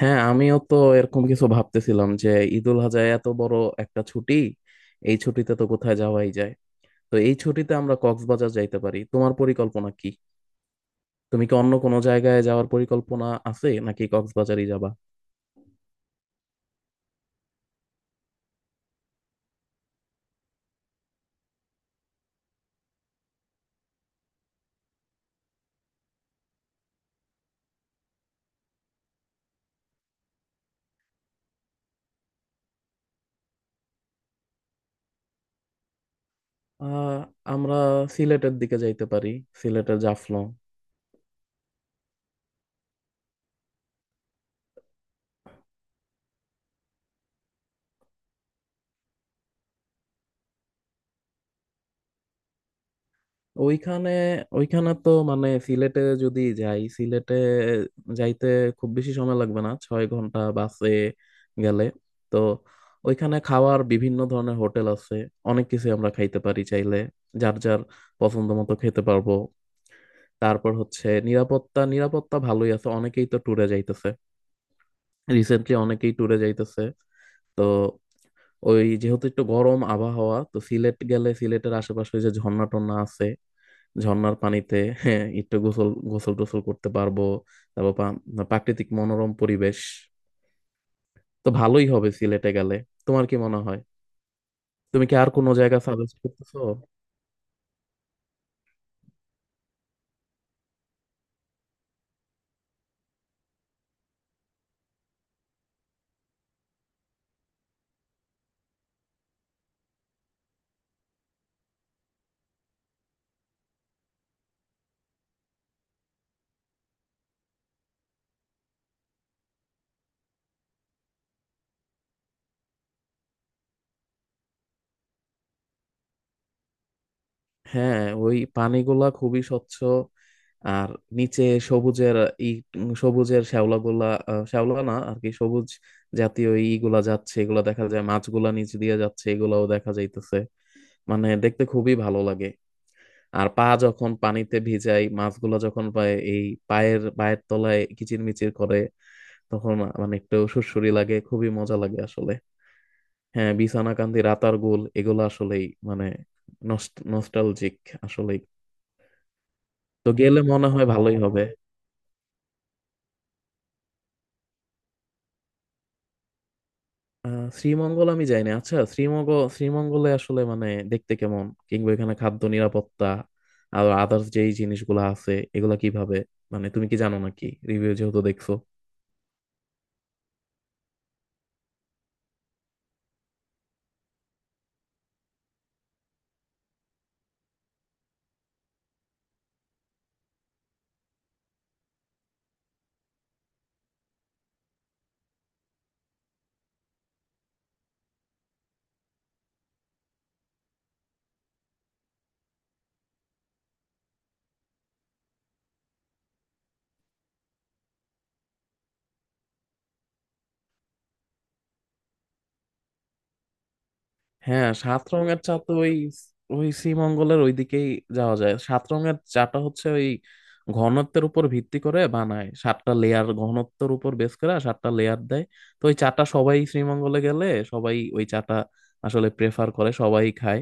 হ্যাঁ, আমিও তো এরকম কিছু ভাবতেছিলাম যে ঈদুল আজহা এত বড় একটা ছুটি। এই ছুটিতে তো কোথায় যাওয়াই যায়। তো এই ছুটিতে আমরা কক্সবাজার যাইতে পারি। তোমার পরিকল্পনা কি? তুমি কি অন্য কোনো জায়গায় যাওয়ার পরিকল্পনা আছে নাকি কক্সবাজারই যাবা? আহ আমরা সিলেটের দিকে যাইতে পারি, সিলেটের জাফলং। ওইখানে ওইখানে তো মানে সিলেটে যদি যাই, সিলেটে যাইতে খুব বেশি সময় লাগবে না, 6 ঘন্টা বাসে গেলে। তো ওইখানে খাওয়ার বিভিন্ন ধরনের হোটেল আছে, অনেক কিছু আমরা খাইতে পারি। চাইলে যার যার পছন্দ মতো খেতে পারবো। তারপর হচ্ছে নিরাপত্তা। নিরাপত্তা ভালোই আছে, অনেকেই তো ট্যুরে যাইতেছে, রিসেন্টলি অনেকেই ট্যুরে যাইতেছে। তো ওই, যেহেতু একটু গরম আবহাওয়া, তো সিলেট গেলে সিলেটের আশেপাশে যে ঝর্ণা টর্ণা আছে, ঝর্ণার পানিতে, হ্যাঁ, একটু গোসল গোসল টোসল করতে পারবো। তারপর প্রাকৃতিক মনোরম পরিবেশ, তো ভালোই হবে সিলেটে গেলে। তোমার কি মনে হয়? তুমি কি আর কোনো জায়গা সাজেস্ট করতেছো? হ্যাঁ, ওই পানিগুলা খুবই স্বচ্ছ। আর নিচে সবুজের ই সবুজের শ্যাওলাগুলা, শ্যাওলা না আর কি, সবুজ জাতীয় ইগুলা যাচ্ছে, এগুলা দেখা যায়, মাছগুলা নিচ দিয়ে যাচ্ছে, এগুলাও দেখা যাইতেছে। মানে দেখতে খুবই ভালো লাগে। আর পা যখন পানিতে ভিজাই, মাছগুলো যখন পায় এই পায়ের পায়ের তলায় কিচিরমিচির করে, তখন মানে একটু সুড়সুড়ি লাগে, খুবই মজা লাগে আসলে। হ্যাঁ, বিছানাকান্দি, রাতার গোল, এগুলো আসলেই মানে নস্টালজিক আসলেই। তো গেলে মনে হয় ভালোই হবে। শ্রীমঙ্গল আমি যাইনি। আচ্ছা, শ্রীমঙ্গল, শ্রীমঙ্গলে আসলে মানে দেখতে কেমন, কিংবা এখানে খাদ্য, নিরাপত্তা আর আদার্স যেই জিনিসগুলো আছে, এগুলা কিভাবে, মানে তুমি কি জানো নাকি? রিভিউ যেহেতু দেখছো। হ্যাঁ, সাত রঙের চা তো ওই ওই শ্রীমঙ্গলের ওইদিকেই যাওয়া যায়। সাত রঙের চাটা হচ্ছে ওই ঘনত্বের উপর ভিত্তি করে বানায় সাতটা লেয়ার, ঘনত্বের উপর বেস করে আর সাতটা লেয়ার দেয়। তো ওই চাটা সবাই শ্রীমঙ্গলে গেলে, সবাই ওই চাটা আসলে প্রেফার করে, সবাই খায়।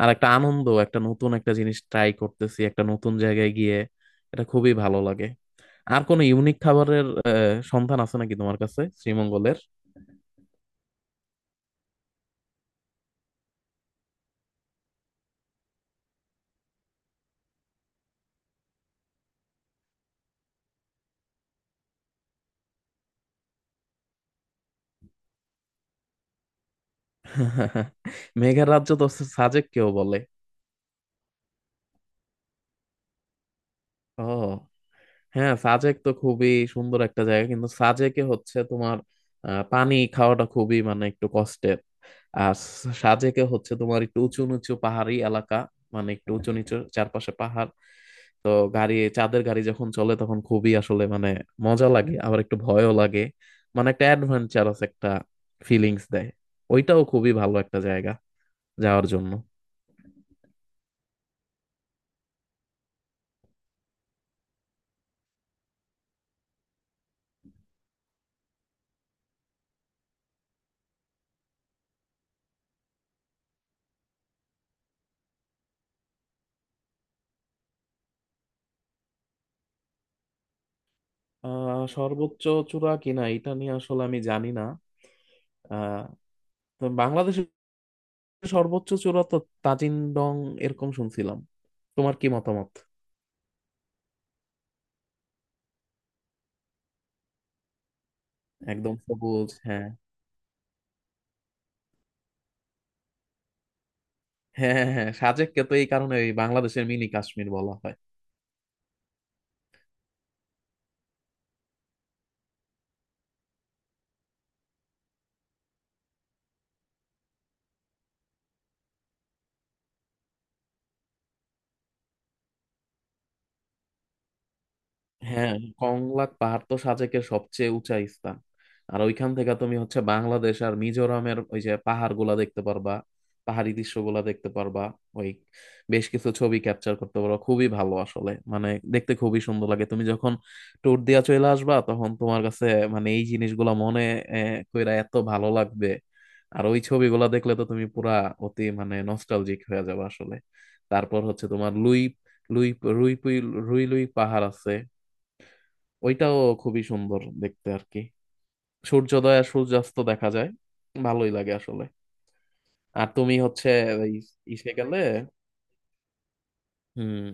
আর একটা আনন্দ, একটা নতুন একটা জিনিস ট্রাই করতেছি একটা নতুন জায়গায় গিয়ে, এটা খুবই ভালো লাগে। আর কোনো ইউনিক খাবারের সন্ধান আছে নাকি তোমার কাছে শ্রীমঙ্গলের? মেঘের রাজ্য তো সাজেক কেউ বলে। ও, হ্যাঁ, সাজেক তো খুবই সুন্দর একটা জায়গা, কিন্তু সাজেকে হচ্ছে তোমার পানি খাওয়াটা খুবই মানে একটু কষ্টের। আর সাজেকে হচ্ছে তোমার একটু উঁচু নিচু পাহাড়ি এলাকা, মানে একটু উঁচু নিচু চারপাশে পাহাড়। তো চাঁদের গাড়ি যখন চলে তখন খুবই আসলে মানে মজা লাগে, আবার একটু ভয়ও লাগে। মানে একটা অ্যাডভেঞ্চারাস একটা ফিলিংস দেয়। ওইটাও খুবই ভালো একটা জায়গা যাওয়ার জন্য। সর্বোচ্চ চূড়া কিনা এটা নিয়ে আসলে আমি জানি না। আহ তো বাংলাদেশে সর্বোচ্চ চূড়া তো তাজিন ডং, এরকম শুনছিলাম। তোমার কি মতামত? একদম সবুজ, হ্যাঁ। হ্যাঁ, হ্যাঁ, হ্যাঁ, সাজেককে তো এই কারণে ওই বাংলাদেশের মিনি কাশ্মীর বলা হয়। হ্যাঁ, কংলাক পাহাড় তো সাজেকের সবচেয়ে উঁচা স্থান। আর ওইখান থেকে তুমি হচ্ছে বাংলাদেশ আর মিজোরামের ওই যে পাহাড় গুলা দেখতে পারবা, পাহাড়ি দৃশ্যগুলা দেখতে পারবা। ওই বেশ কিছু ছবি ক্যাপচার করতে পারবা, খুবই ভালো আসলে মানে দেখতে খুবই সুন্দর লাগে। তুমি যখন ট্যুর দিয়া চলে আসবা, তখন তোমার কাছে মানে এই জিনিসগুলা মনে কইরা এত ভালো লাগবে। আর ওই ছবিগুলা দেখলে তো তুমি পুরা অতি মানে নস্টালজিক হয়ে যাবে আসলে। তারপর হচ্ছে তোমার লুই লুই রুই পুই- রুই লুই পাহাড় আছে। ওইটাও খুবই সুন্দর দেখতে আর কি। সূর্যোদয় আর সূর্যাস্ত দেখা যায়, ভালোই লাগে আসলে। আর তুমি হচ্ছে ওই ইসে গেলে। হুম।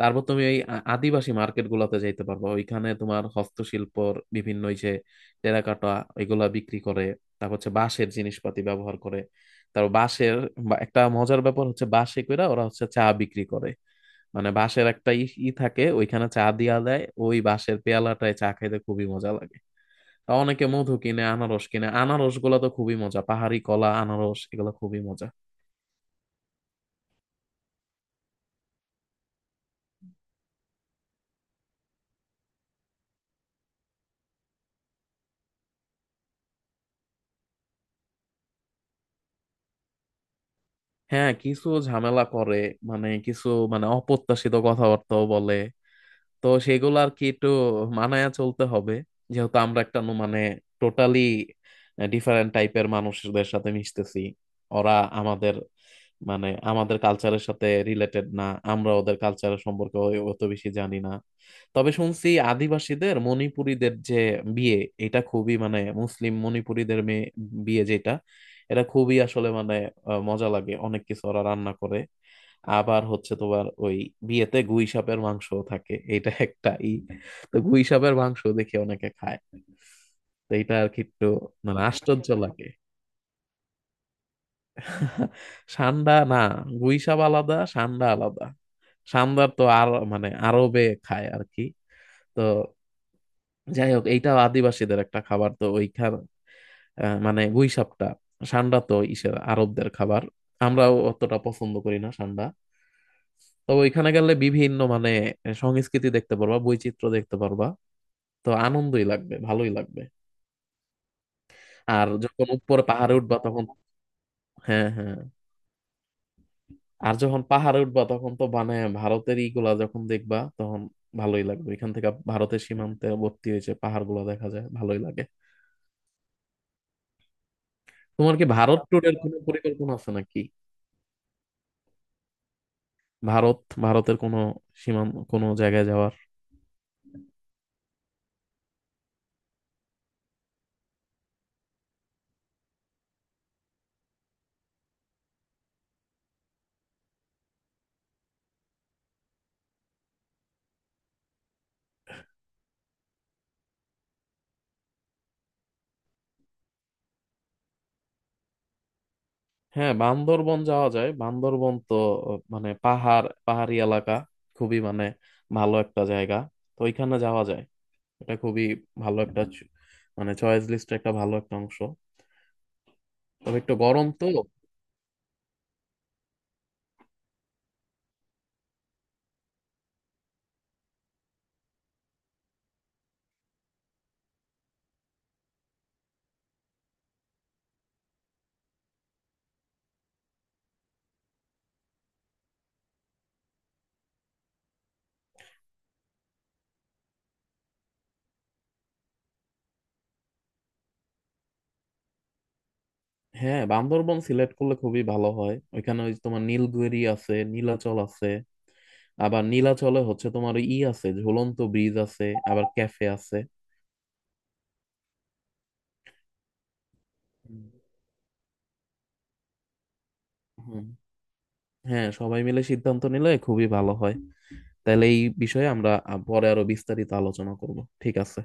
তারপর তুমি ওই আদিবাসী মার্কেট গুলাতে যাইতে পারবা। ওইখানে তোমার হস্তশিল্পর বিভিন্ন ওই যে টেরাকোটা, এগুলা বিক্রি করে। তারপর হচ্ছে বাঁশের জিনিসপাতি ব্যবহার করে। তারপর বাঁশের বা একটা মজার ব্যাপার হচ্ছে, বাঁশে কইরা ওরা হচ্ছে চা বিক্রি করে। মানে বাঁশের একটা ই ই থাকে, ওইখানে চা দিয়া দেয়। ওই বাঁশের পেয়ালাটায় চা খাইতে খুবই মজা লাগে। অনেকে মধু কিনে, আনারস কিনে। আনারস গুলা তো খুবই মজা, পাহাড়ি কলা, আনারস, এগুলা খুবই মজা। হ্যাঁ, কিছু ঝামেলা করে, মানে কিছু মানে অপ্রত্যাশিত কথাবার্তাও বলে। তো সেগুলো আর কি একটু মানায়া চলতে হবে, যেহেতু আমরা একটা মানে টোটালি ডিফারেন্ট টাইপের মানুষদের সাথে মিশতেছি। ওরা মানে আমাদের কালচারের সাথে রিলেটেড না। আমরা ওদের কালচারের সম্পর্কে অত বেশি জানি না। তবে শুনছি আদিবাসীদের মণিপুরীদের যে বিয়ে, এটা খুবই মানে মুসলিম মণিপুরীদের মেয়ে বিয়ে যেটা, এটা খুবই আসলে মানে মজা লাগে। অনেক কিছু ওরা রান্না করে। আবার হচ্ছে তোমার ওই বিয়েতে গুই সাপের মাংসও থাকে, এটা একটা তো গুই সাপের মাংস দেখে অনেকে খায়। তো এটা আর কি একটু মানে আশ্চর্য লাগে। সান্ডা না, গুই সাপ আলাদা, সান্ডা আলাদা। সান্দার তো আর মানে আরবে খায় আর কি। তো যাই হোক, এইটা আদিবাসীদের একটা খাবার, তো ওইখান মানে গুই সাপটা। সান্ডা তো ইসের আরবদের খাবার। আমরাও অতটা পছন্দ করি না সান্ডা। তবে ওইখানে গেলে বিভিন্ন মানে সংস্কৃতি দেখতে পারবা, বৈচিত্র্য দেখতে পারবা। তো আনন্দই লাগবে, ভালোই লাগবে। আর যখন উপরে পাহাড়ে উঠবা তখন, হ্যাঁ, হ্যাঁ, আর যখন পাহাড়ে উঠবা তখন তো মানে ভারতের ইগুলা যখন দেখবা তখন ভালোই লাগবে। এখান থেকে ভারতের সীমান্তে ভর্তি হয়েছে, পাহাড়গুলো দেখা যায়, ভালোই লাগে। তোমার কি ভারত ট্যুরের কোনো পরিকল্পনা আছে নাকি? ভারত ভারতের কোনো সীমান্ত কোনো জায়গায় যাওয়ার? হ্যাঁ, বান্দরবন যাওয়া যায়। বান্দরবন তো মানে পাহাড় পাহাড়ি এলাকা, খুবই মানে ভালো একটা জায়গা। তো ওইখানে যাওয়া যায়। এটা খুবই ভালো একটা মানে চয়েস লিস্টের একটা ভালো একটা অংশ। তবে একটু গরম তো। হ্যাঁ, বান্দরবন সিলেক্ট করলে খুবই ভালো হয়। ওইখানে ওই যে তোমার নীলগিরি আছে, নীলাচল আছে। আবার নীলাচলে হচ্ছে তোমার ওই আছে, ঝুলন্ত ব্রিজ আছে, আবার ক্যাফে আছে। হুম। হুম। হ্যাঁ, সবাই মিলে সিদ্ধান্ত নিলে খুবই ভালো হয়। তাহলে এই বিষয়ে আমরা পরে আরো বিস্তারিত আলোচনা করব। ঠিক আছে।